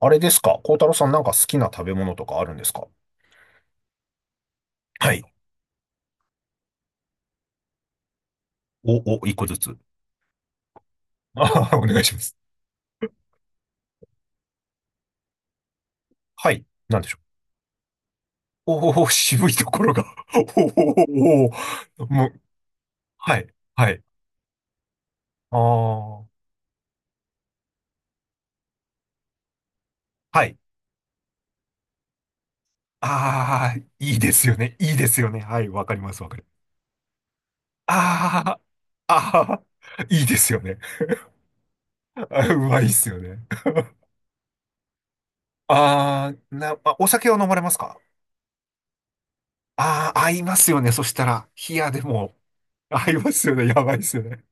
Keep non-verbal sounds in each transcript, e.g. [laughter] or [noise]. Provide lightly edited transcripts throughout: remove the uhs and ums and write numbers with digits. あれですか？孝太郎さん、なんか好きな食べ物とかあるんですか？はい。一個ずつ。[laughs] お願いします。はい。なんでしょう？おお、[laughs] 渋いところが。[laughs] おお、おおもう、はい。はい。ああ、はい。ああ、いいですよね。いいですよね。はい。わかります。わかります。ああ、ああ、[laughs] いいですよね。[laughs] あうまいっすよね。ああ、お酒を飲まれますか？ああー、合いますよね。そしたら、冷やでも、合いますよね。やばいっすよね。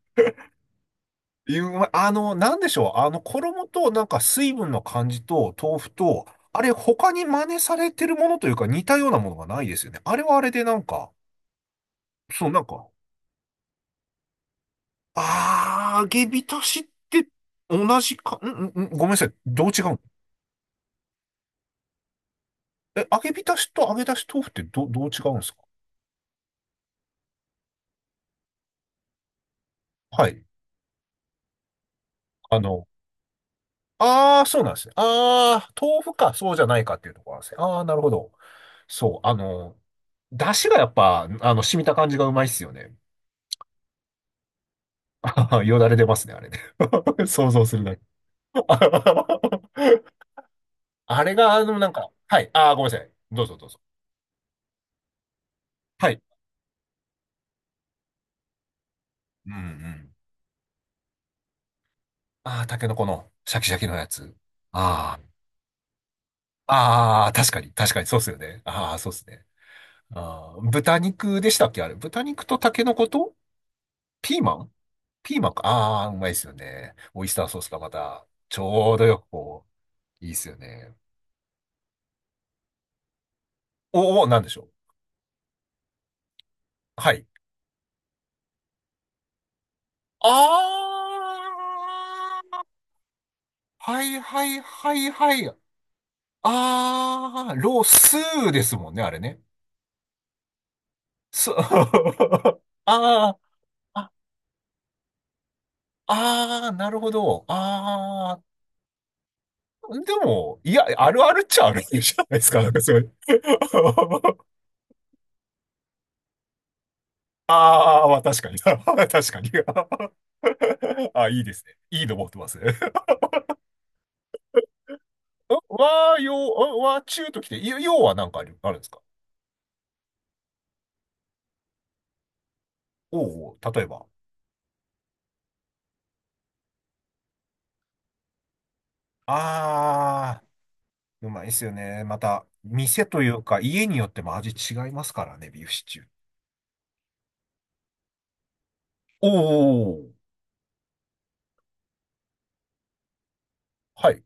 うまい、なんでしょう。衣と、なんか水分の感じと、豆腐と、あれ、他に真似されてるものというか、似たようなものがないですよね。あれはあれで、なんか、そう、なんか、揚げ浸しって同じか。ごめんなさい。どう違うの？え、揚げ浸しと揚げ出し豆腐ってどう違うんですか？はい。あの、そうなんですね。豆腐か、そうじゃないかっていうところなんですね。なるほど。そう、出汁がやっぱ、染みた感じがうまいっすよね。[laughs] ああ、よだれ出ますね、あれね。[laughs] 想像するだけ。[laughs] あれが、なんか、はい。ああ、ごめんなさい。どうぞどうぞ。はい。うんうん。ああ、タケノコのシャキシャキのやつ。ああ、ああ、確かに、確かに、そうっすよね。ああ、そうっすね。ああ、豚肉でしたっけあれ。豚肉とタケノコとピーマン。ピーマンか。ああ、うまいっすよね。オイスターソースがまた、ちょうどよくいいっすよね。おお、なんでしょう？はい。ああはいはいはいはい。ロースーですもんね、あれね。そう。[laughs] あー、あ、なるほど。でも、いや、あるあるっちゃあるじゃないですか、なんかそれ。[laughs] まあ確かに。[laughs] 確かに。[laughs] あ、いいですね。いいの持ってますね。[laughs] わー、よう、わ中ときて、ようはなんかあるんですか？おうおう、例えば。あー。うまいっすよね。また、店というか、家によっても味違いますからね、ビーフシチュー。おー、はい。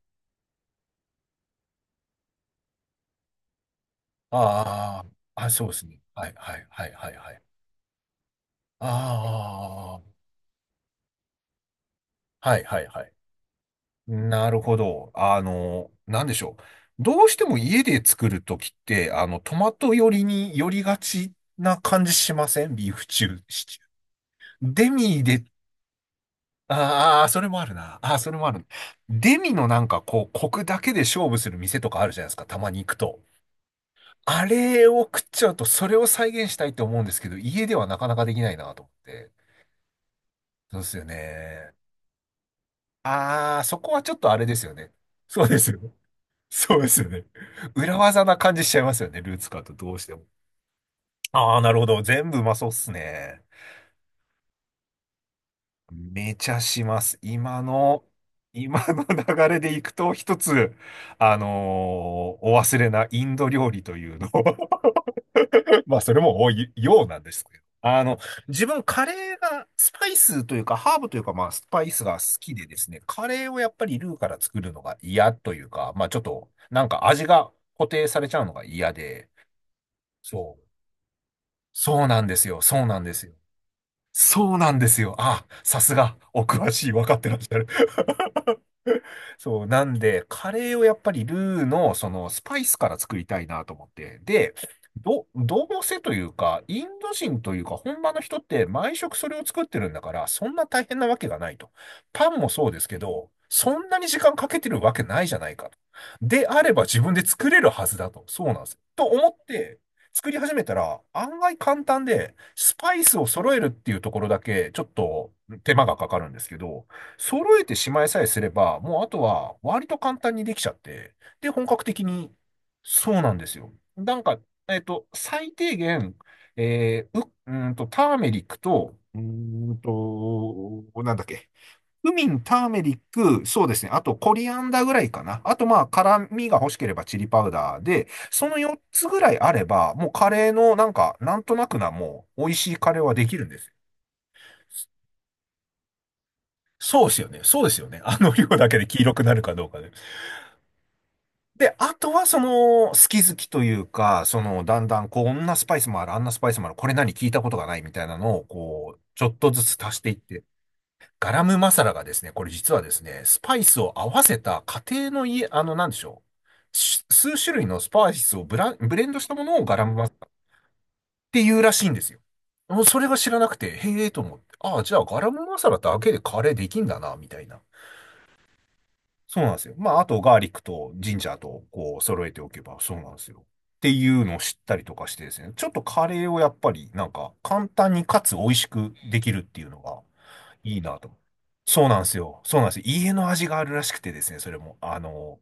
あー、そうですね。はいはいはいはいはい。ああはいはいはい。なるほど。なんでしょう。どうしても家で作るときって、トマト寄りに寄りがちな感じしませんビーフシチュー、シチュー。デミでああ、それもあるな。ああ、それもある。デミのなんかコクだけで勝負する店とかあるじゃないですか。たまに行くと。あれを食っちゃうと、それを再現したいと思うんですけど、家ではなかなかできないなと思って。そうですよね。ああ、そこはちょっとあれですよね。そうですよね。そうですよね。裏技な感じしちゃいますよね。ルーツカーとどうしても。ああ、なるほど。全部うまそうっすね。めちゃします。今の [laughs] 流れでいくと、一つ、あのお忘れなインド料理というのを [laughs] まあ、それも多いようなんですけど。自分、カレーが、スパイスというか、ハーブというか、まあ、スパイスが好きでですね、カレーをやっぱりルーから作るのが嫌というか、まあ、ちょっと、なんか味が固定されちゃうのが嫌で、そう。そうなんですよ。そうなんですよ。そうなんですよ。あ、さすが、お詳しい、分かってらっしゃる。[laughs] そう、なんで、カレーをやっぱりルーの、スパイスから作りたいなと思って。で、どうせというか、インド人というか、本場の人って毎食それを作ってるんだから、そんな大変なわけがないと。パンもそうですけど、そんなに時間かけてるわけないじゃないかと。であれば自分で作れるはずだと。そうなんですよ。と思って、作り始めたら、案外簡単で、スパイスを揃えるっていうところだけ、ちょっと手間がかかるんですけど、揃えてしまいさえすれば、もうあとは割と簡単にできちゃって、で、本格的に、そうなんですよ。なんか、最低限、ターメリックと、なんだっけ。クミン、ターメリック、そうですね。あと、コリアンダーぐらいかな。あと、まあ、辛味が欲しければチリパウダーで、その4つぐらいあれば、もうカレーの、なんか、なんとなくな、もう、美味しいカレーはできるんです。そうですよね。そうですよね。[laughs] 量だけで黄色くなるかどうかで。で、あとは好き好きというか、だんだんこんなスパイスもある、あんなスパイスもある、これ何聞いたことがないみたいなのを、ちょっとずつ足していって、ガラムマサラがですね、これ実はですね、スパイスを合わせた家庭の家、なんでしょう。数種類のスパイスをブレンドしたものをガラムマサラっていうらしいんですよ。もうそれが知らなくて、へえと思って、ああ、じゃあガラムマサラだけでカレーできんだな、みたいな。そうなんですよ。まあ、あと、ガーリックとジンジャーと、揃えておけば、そうなんですよ。っていうのを知ったりとかしてですね。ちょっとカレーをやっぱり、なんか、簡単にかつ美味しくできるっていうのが、いいなと。そうなんですよ。そうなんですよ。家の味があるらしくてですね、それも。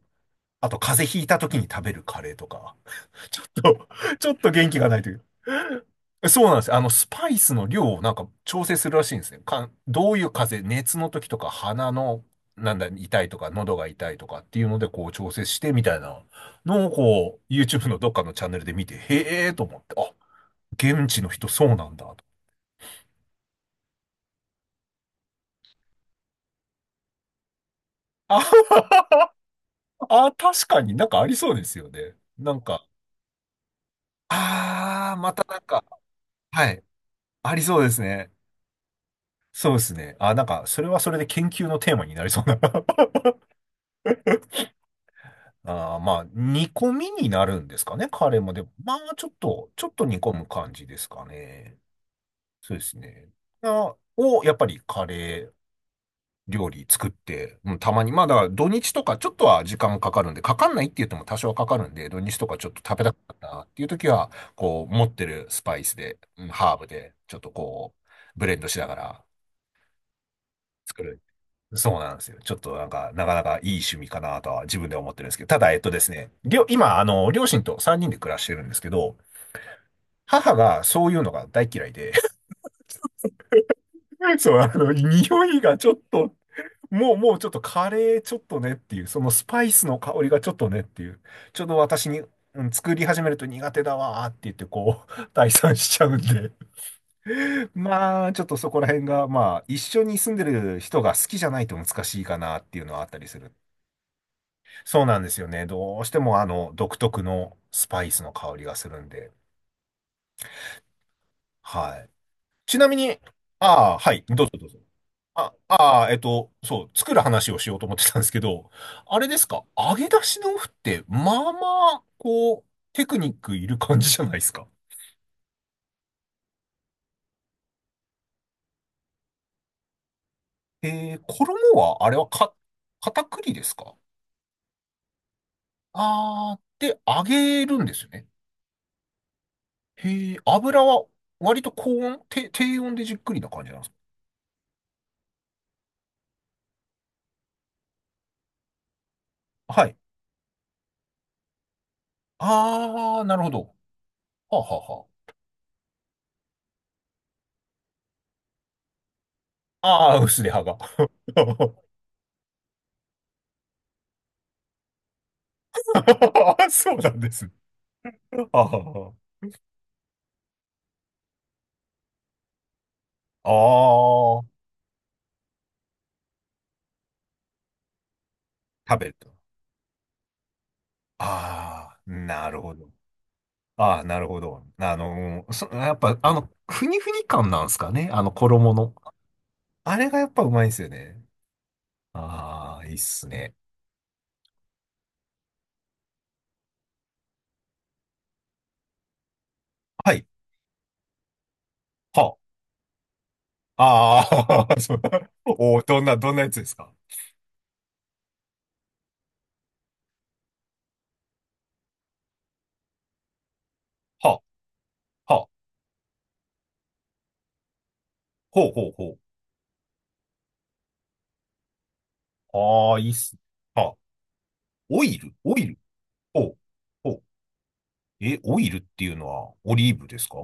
あと、風邪ひいた時に食べるカレーとか。と、ちょっと元気がないという。そうなんですよ。スパイスの量をなんか調整するらしいんですね。どういう風邪、熱の時とか鼻の、なんだ、痛いとか、喉が痛いとかっていうので、調整してみたいなのを、YouTube のどっかのチャンネルで見て、へえーと思って、あ、現地の人そうなんだと。あ、あ、確かになんかありそうですよね。なんか、あー、またなんか、はい、ありそうですね。そうですね。あ、なんか、それはそれで研究のテーマになりそうな。[laughs] ああ、まあ、煮込みになるんですかね、カレーも。でも、まあ、ちょっと、煮込む感じですかね。そうですね。あ、やっぱりカレー料理作って、うん、たまに、まあ、だから土日とかちょっとは時間かかるんで、かかんないって言っても多少はかかるんで、土日とかちょっと食べたかったなっていう時は、持ってるスパイスで、ハーブで、ちょっとブレンドしながら作る。そうなんですよ。ちょっとなんか、なかなかいい趣味かなとは自分で思ってるんですけど、ただ、えっとですね、りょ、今、両親と3人で暮らしてるんですけど、母がそういうのが大嫌いで、[laughs] そう、匂いがちょっと、もう、もうちょっとカレーちょっとねっていう、そのスパイスの香りがちょっとねっていう、ちょっと私に、うん、作り始めると苦手だわーって言って、[laughs] 退散しちゃうんで。まあ、ちょっとそこら辺が、まあ、一緒に住んでる人が好きじゃないと難しいかなっていうのはあったりする。そうなんですよね。どうしても独特のスパイスの香りがするんで。はい。ちなみに、ああ、はい、どうぞどうぞ。そう、作る話をしようと思ってたんですけど、あれですか、揚げ出し豆腐って、あ、こう、テクニックいる感じじゃないですか。衣は、あれはか、片栗ですか？ああー、で、揚げるんですよね。へえ、油は、割と高温、低温でじっくりな感じなんですか？はい。ああ、なるほど。はあはあはあ。ああ、薄れ歯が。[laughs] そうなんですね。ああ、ああ食べると。ああ、なるほど。ああ、なるほど。やっぱ、ふにふに感なんですかね。衣の。あれがやっぱうまいんですよね。ああ、いいっすね。はい。はあ。ああ、[laughs] そう。おーどんなやつですか？はあ、はあ、ほうほうほう。ああ、いいっす。はあ、オイル、オイル。ほうほうえ、オイルっていうのはオリーブですか？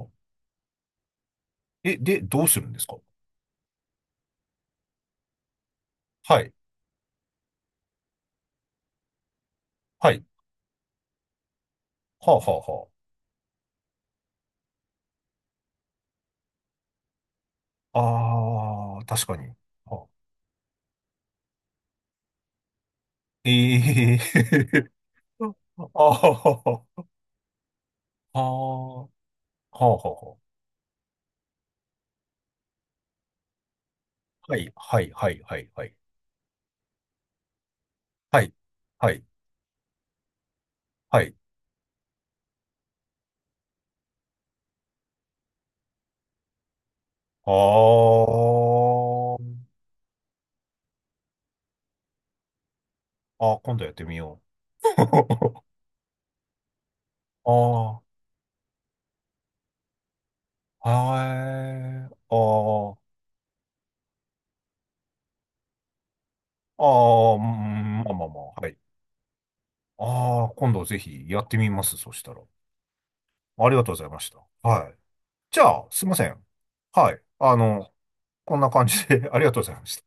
え、で、どうするんですか？はい。はい。はあはあはあ。あー、確かに。はあ、ええー [laughs] あはははあーはあはあはあ。はい、はい、はい、はい、はい。はい、はい、はい。あー。あー、今度やってみよう。[laughs] ああ、はい。ああ、ああ、うんまあまあまあ、はい。ああ、今度ぜひやってみます、そしたら。ありがとうございました。はい。じゃあ、すいません。はい。こんな感じで [laughs] ありがとうございました。